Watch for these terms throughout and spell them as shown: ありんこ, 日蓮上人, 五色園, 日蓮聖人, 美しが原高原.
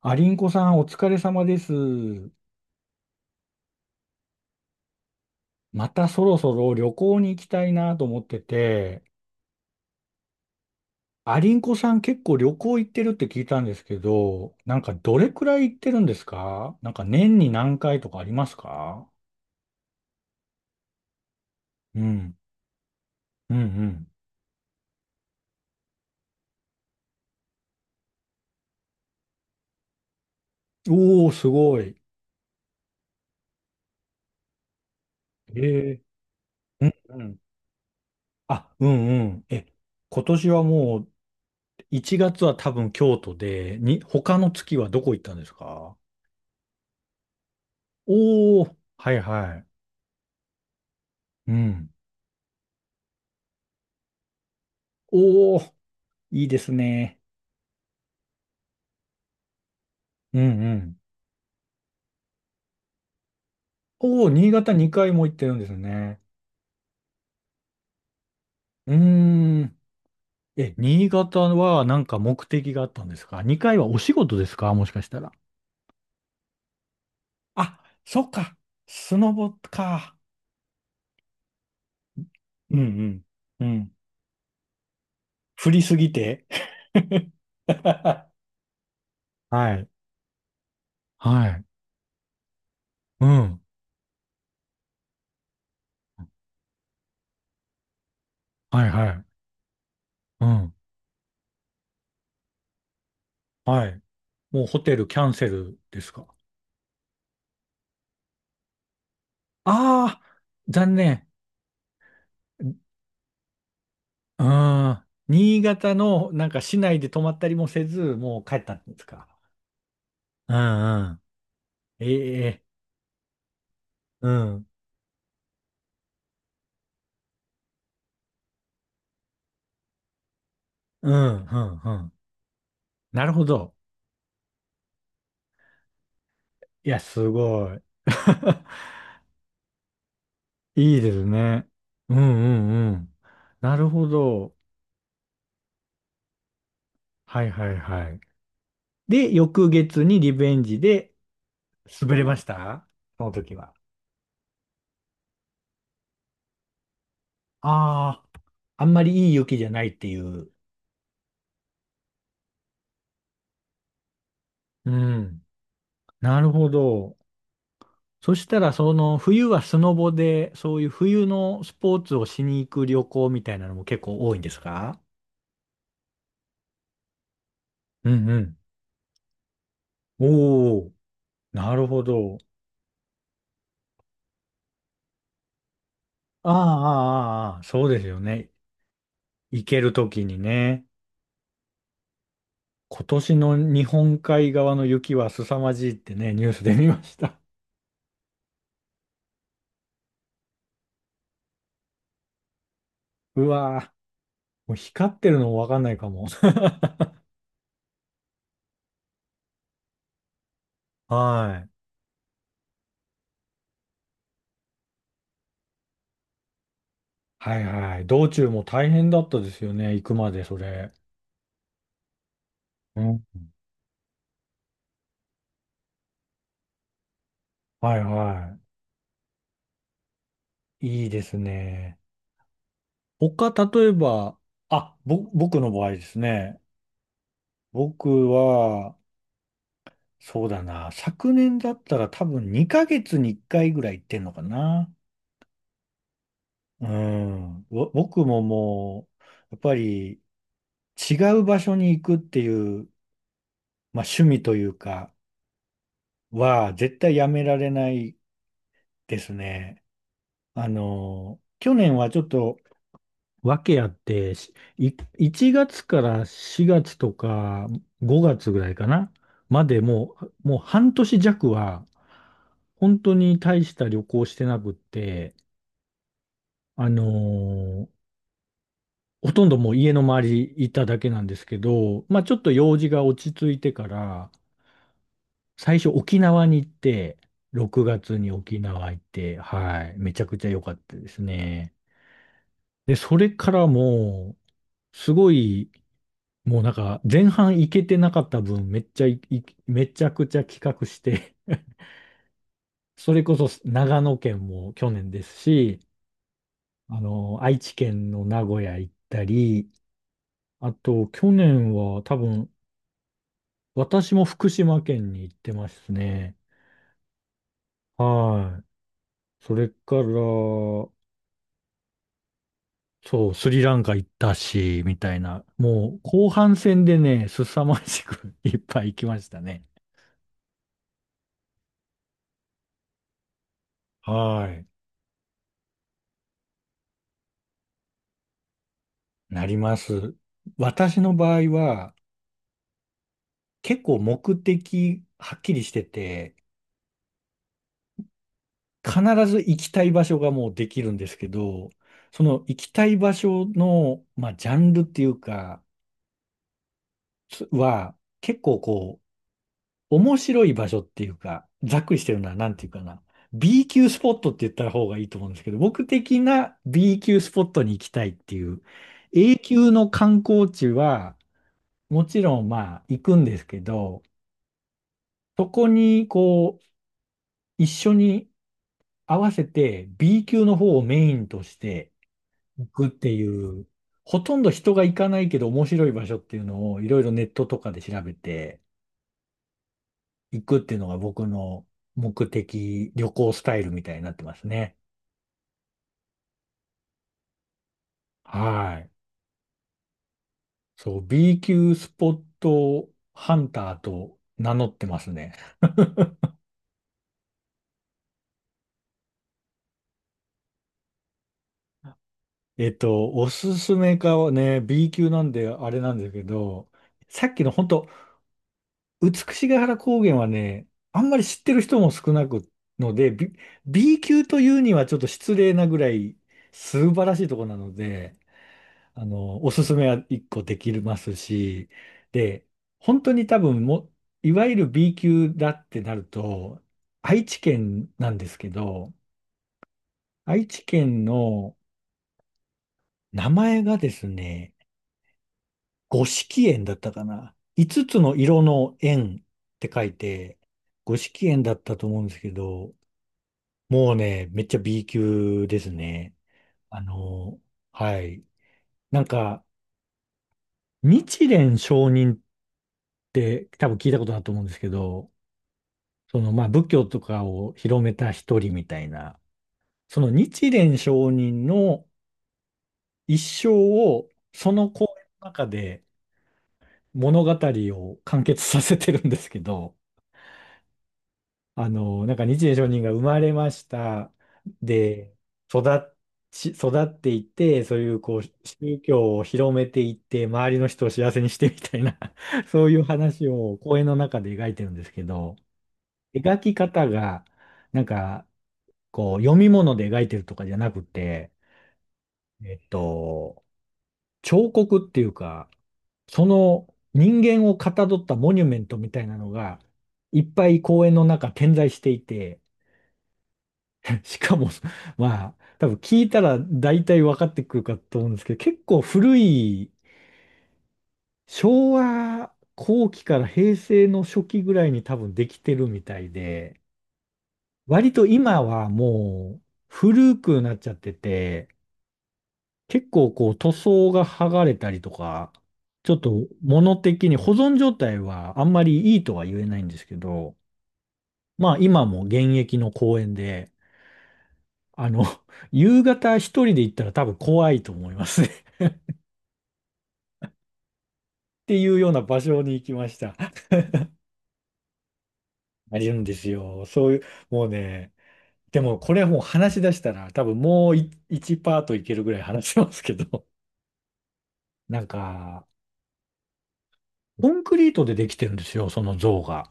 ありんこさんお疲れ様です。またそろそろ旅行に行きたいなと思ってて、ありんこさん結構旅行行ってるって聞いたんですけど、なんかどれくらい行ってるんですか？なんか年に何回とかありますか？うん、うん、うん。おー、すごい。えー、うん、うん。あ、うん、うん。え、今年はもう1月は多分京都で、に、他の月はどこ行ったんですか？おー、はいはい。うん。おお、いいですね。うんうん。おお、新潟2回も行ってるんですね。うーん。え、新潟はなんか目的があったんですか？ 2 回はお仕事ですかもしかしたら。あ、そっか。スノボか。うんうん。うん。振りすぎて。はい。はい。うん。はいはい。うん。はい。もうホテルキャンセルですか？ああー、残念。ああ、新潟のなんか市内で泊まったりもせず、もう帰ったんですか。うんうん。ええ、うん、うん、うん、うん。なるほど。いや、すごい。いいですね。うんうんうん。なるほど。はいはいはい。で、翌月にリベンジで滑れました、その時は？ああ、あんまりいい雪じゃないっていう。うん。なるほど。そしたら、その冬はスノボで、そういう冬のスポーツをしに行く旅行みたいなのも結構多いんですか？うんうん。おお、なるほど。ああ、ああ、ああそうですよね。行けるときにね。今年の日本海側の雪は凄まじいってね、ニュースで見ました。うわー、もう光ってるのもわかんないかも。はい。はいはい。道中も大変だったですよね。行くまでそれ。うん。はいはい。いいですね。他、例えば、僕の場合ですね。僕は、そうだな。昨年だったら多分2ヶ月に1回ぐらい行ってんのかな。うん。僕もも、う、やっぱり違う場所に行くっていう、まあ趣味というか、は絶対やめられないですね。あの、去年はちょっとわけあって、い1月から4月とか5月ぐらいかな、までもう、半年弱は、本当に大した旅行してなくって、あのーほとんどもう家の周りいただけなんですけど、まあちょっと用事が落ち着いてから、最初沖縄に行って、6月に沖縄行って、はい、めちゃくちゃ良かったですね。で、それからもう、すごい、もうなんか前半いけてなかった分めっちゃいいめちゃくちゃ企画して それこそ長野県も去年ですし、あの、愛知県の名古屋行ったり、あと去年は多分私も福島県に行ってますね。はい。それから、そう、スリランカ行ったし、みたいな。もう後半戦でね、凄まじく いっぱい行きましたね。はい。なります。私の場合は、結構目的はっきりしてて、必ず行きたい場所がもうできるんですけど、その行きたい場所の、まあ、ジャンルっていうか、つは、結構こう、面白い場所っていうか、ざっくりしてるのはなんていうかな。B 級スポットって言った方がいいと思うんですけど、僕的な B 級スポットに行きたいっていう、A 級の観光地は、もちろんまあ行くんですけど、そこにこう、一緒に合わせて B 級の方をメインとして行くっていう、ほとんど人が行かないけど面白い場所っていうのをいろいろネットとかで調べて行くっていうのが僕の目的、旅行スタイルみたいになってますね。はい。そう、B 級スポットハンターと名乗ってますね。おすすめかはね、B 級なんであれなんですけど、さっきの本当美しが原高原はね、あんまり知ってる人も少なくので、B 級というにはちょっと失礼なぐらい素晴らしいとこなので、あの、おすすめは一個できますし、で、本当に多分も、いわゆる B 級だってなると、愛知県なんですけど、愛知県の名前がですね、五色園だったかな。五つの色の園って書いて、五色園だったと思うんですけど、もうね、めっちゃ B 級ですね。あの、はい。なんか、日蓮聖人って多分聞いたことだと思うんですけど、その、まあ、仏教とかを広めた一人みたいな、その日蓮聖人の一生を、その講演の中で物語を完結させてるんですけど、なんか日蓮上人が生まれました。で、育っ育っていって、そういうこう、宗教を広めていって、周りの人を幸せにしてみたいな そういう話を講演の中で描いてるんですけど、描き方が、なんか、こう、読み物で描いてるとかじゃなくて、えっと、彫刻っていうか、その人間をかたどったモニュメントみたいなのが、いっぱい公園の中点在していて、しかも、まあ、多分聞いたら大体分かってくるかと思うんですけど、結構古い昭和後期から平成の初期ぐらいに多分できてるみたいで、割と今はもう古くなっちゃってて、結構こう塗装が剥がれたりとか、ちょっと物的に保存状態はあんまりいいとは言えないんですけど、まあ今も現役の公園で、あの、夕方一人で行ったら多分怖いと思いますねっていうような場所に行きました。あるんですよ。そういう、もうね、でもこれはもう話し出したら多分もう1パートいけるぐらい話しますけど、なんか、コンクリートでできてるんですよ、その像が。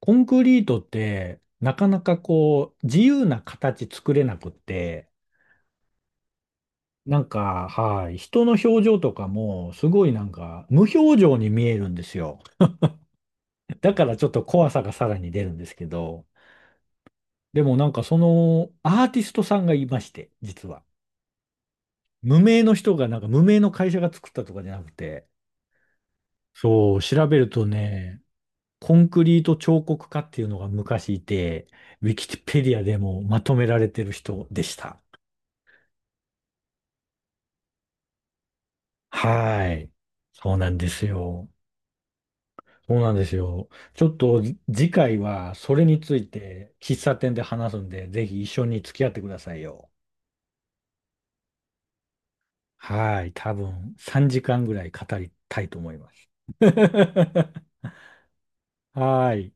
コンクリートってなかなかこう自由な形作れなくって、なんか、はい、人の表情とかもすごいなんか無表情に見えるんですよ。だからちょっと怖さがさらに出るんですけど、でもなんかそのアーティストさんがいまして、実は。無名の人がなんか無名の会社が作ったとかじゃなくて、そう、調べるとね、コンクリート彫刻家っていうのが昔いて、ウィキペディアでもまとめられてる人でした。はい。そうなんですよ。そうなんですよ。ちょっと次回はそれについて喫茶店で話すんで、ぜひ一緒に付き合ってくださいよ。はい。多分3時間ぐらい語りたいと思います。はい。